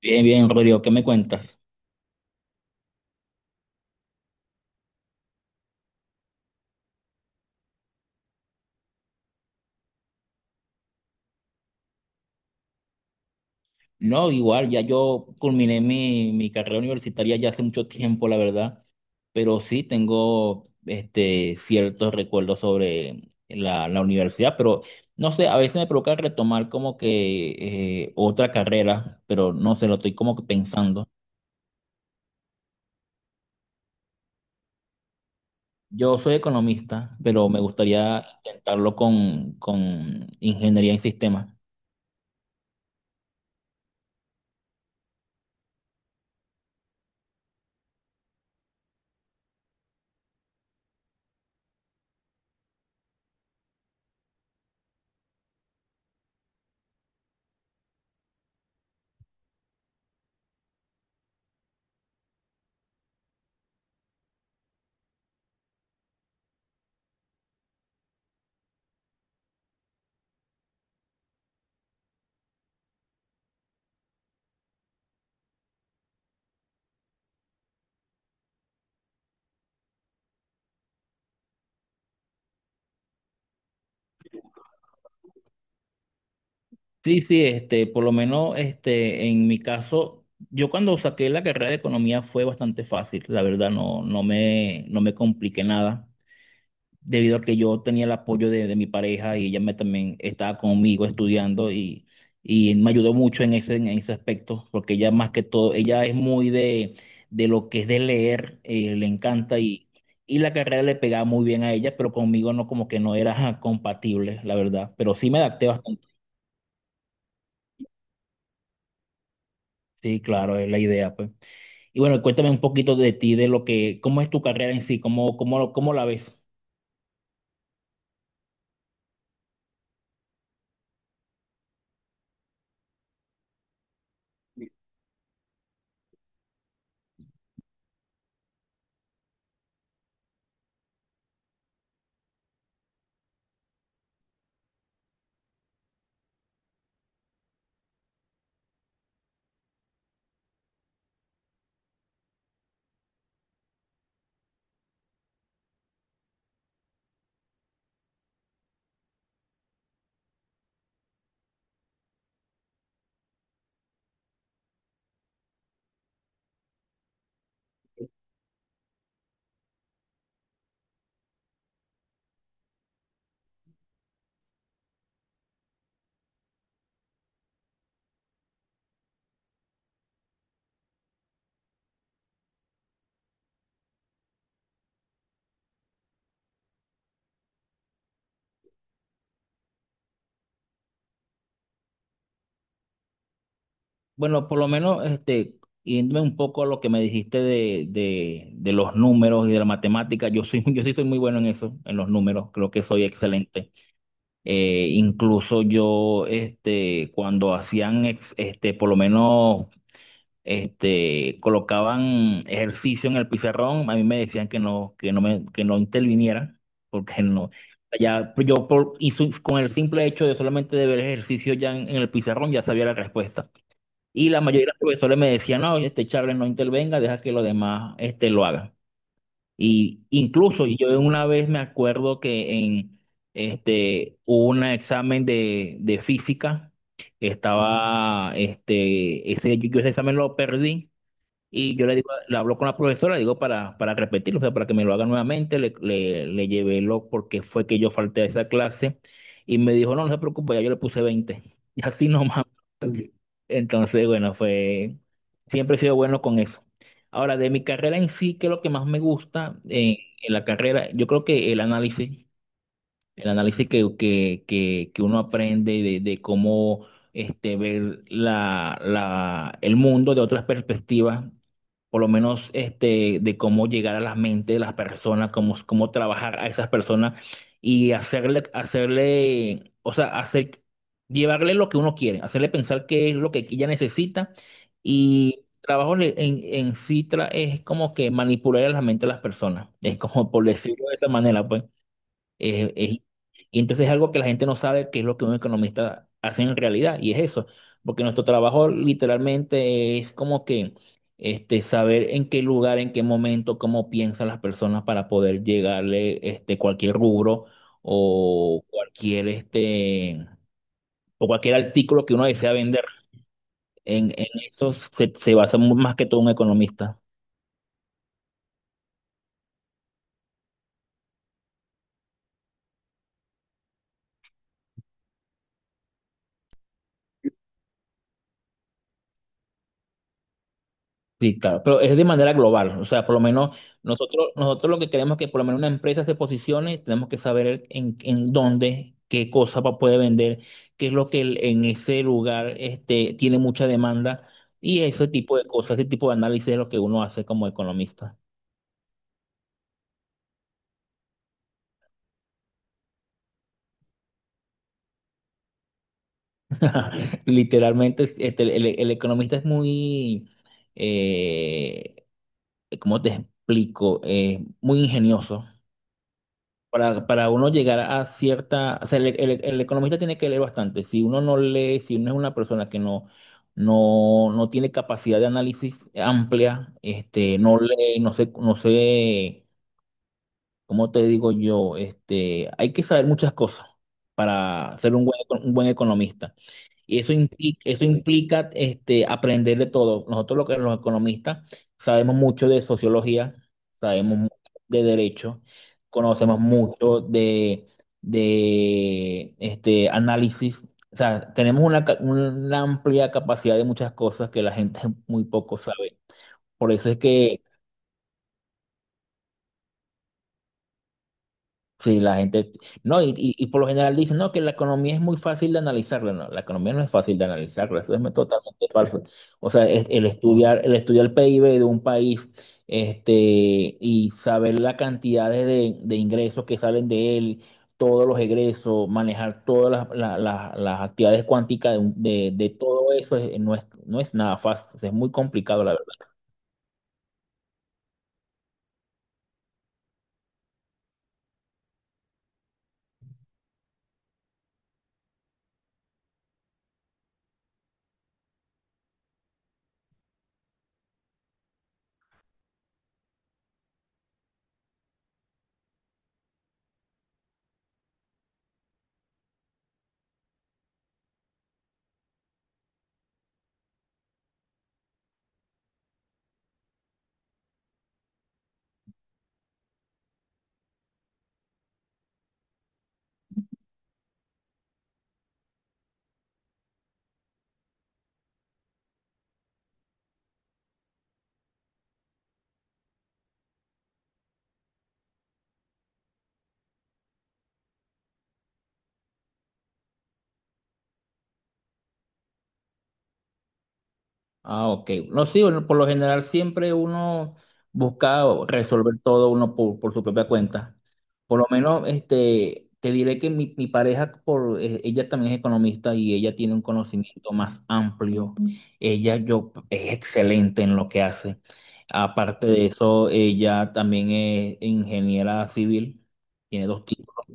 Bien, bien, Rodrigo, ¿qué me cuentas? No, igual, ya yo culminé mi carrera universitaria ya hace mucho tiempo, la verdad, pero sí tengo ciertos recuerdos sobre la universidad, pero no sé, a veces me provoca retomar como que otra carrera, pero no sé, lo estoy como que pensando. Yo soy economista, pero me gustaría intentarlo con ingeniería en sistemas. Sí, sí, por lo menos en mi caso, yo cuando saqué la carrera de economía fue bastante fácil, la verdad, no, no me compliqué nada, debido a que yo tenía el apoyo de mi pareja y ella me también estaba conmigo estudiando y me ayudó mucho en ese aspecto, porque ella más que todo, ella es muy de lo que es de leer, le encanta y la carrera le pegaba muy bien a ella, pero conmigo no como que no era compatible, la verdad, pero sí me adapté bastante. Sí, claro, es la idea, pues. Y bueno, cuéntame un poquito de ti, de lo que, cómo es tu carrera en sí, cómo la ves. Bueno, por lo menos, yéndome un poco a lo que me dijiste de los números y de la matemática, yo soy, yo sí soy muy bueno en eso, en los números, creo que soy excelente. Incluso yo, cuando hacían, por lo menos colocaban ejercicio en el pizarrón, a mí me decían que no, que no interviniera, porque no, ya pues, yo por, y su- con el simple hecho de solamente de ver ejercicio ya en el pizarrón ya sabía la respuesta. Y la mayoría de los profesores me decían, no, este Charles no intervenga, deja que los demás lo hagan. Y incluso yo una vez me acuerdo que en hubo un examen de física, yo ese examen lo perdí y yo le digo, le hablo con la profesora, le digo para repetirlo, o sea, para que me lo haga nuevamente, le llevé lo porque fue que yo falté a esa clase y me dijo, no, no se preocupe, ya yo le puse 20. Y así nomás. Entonces, bueno, siempre he sido bueno con eso. Ahora, de mi carrera en sí, ¿qué es lo que más me gusta en la carrera? Yo creo que el análisis, el análisis que uno aprende de cómo ver el mundo de otras perspectivas, por lo menos de cómo llegar a las mentes de las personas, cómo trabajar a esas personas y hacerle, o sea, llevarle lo que uno quiere, hacerle pensar qué es lo que ella necesita y trabajo en sí es como que manipular la mente de las personas, es como por decirlo de esa manera, pues. Eh, es- y entonces es algo que la gente no sabe qué es lo que un economista hace en realidad, y es eso, porque nuestro trabajo literalmente es como que saber en qué lugar, en qué momento, cómo piensan las personas para poder llegarle cualquier rubro o cualquier, este, o cualquier artículo que uno desea vender. En eso se basa más que todo un economista. Sí, claro, pero es de manera global. O sea, por lo menos nosotros lo que queremos es que por lo menos una empresa se posicione, tenemos que saber en dónde, qué cosa puede vender, qué es lo que en ese lugar tiene mucha demanda y ese tipo de cosas, ese tipo de análisis es lo que uno hace como economista. Literalmente, el economista es eh, ¿cómo te explico? Muy ingenioso. Para uno llegar a cierta, o sea, el economista tiene que leer bastante. Si uno no lee, si uno es una persona que no tiene capacidad de análisis amplia, no lee, no sé, no sé, ¿cómo te digo yo? Hay que saber muchas cosas para ser un buen economista. Y eso implica aprender de todo. Nosotros los economistas sabemos mucho de sociología, sabemos mucho de derecho, conocemos mucho de análisis. O sea, tenemos una amplia capacidad de muchas cosas que la gente muy poco sabe. Por eso es que. Sí, la gente, no, y por lo general dicen, no, que la economía es muy fácil de analizarla, no, la economía no es fácil de analizarla, eso es totalmente falso. O sea, el estudiar el PIB de un país, este, y saber la cantidad de ingresos que salen de él, todos los egresos, manejar todas las actividades cuánticas de todo eso, no es nada fácil, es muy complicado, la verdad. Ah, ok. No, sí, bueno, por lo general siempre uno busca resolver todo uno por su propia cuenta. Por lo menos, te diré que mi pareja, ella también es economista y ella tiene un conocimiento más amplio. Mm. Ella es excelente en lo que hace. Aparte de eso, ella también es ingeniera civil, tiene dos títulos.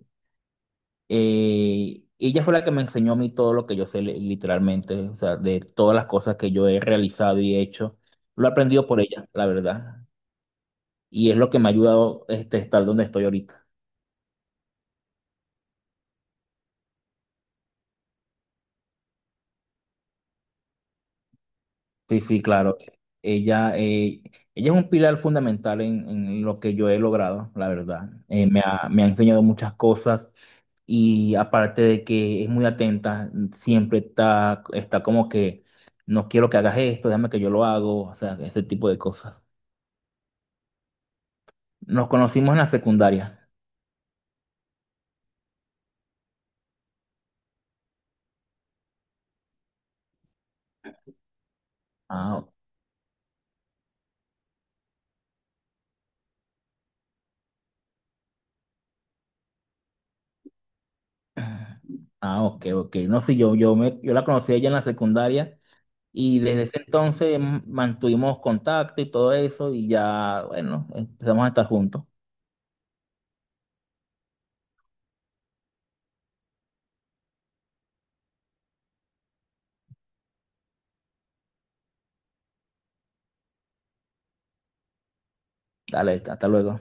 Ella fue la que me enseñó a mí todo lo que yo sé literalmente, o sea, de todas las cosas que yo he realizado y hecho. Lo he aprendido por ella, la verdad. Y es lo que me ha ayudado estar donde estoy ahorita. Sí, sí, claro. Ella, eh, ella es un pilar fundamental en lo que yo he logrado, la verdad. Me ha enseñado muchas cosas y aparte de que es muy atenta, siempre está como que no quiero que hagas esto, déjame que yo lo hago, o sea, ese tipo de cosas. Nos conocimos en la secundaria. Ah, o- ah, ok, ok. No sé, yo la conocí a ella en la secundaria y desde ese entonces mantuvimos contacto y todo eso y ya, bueno, empezamos a estar juntos. Dale, hasta luego.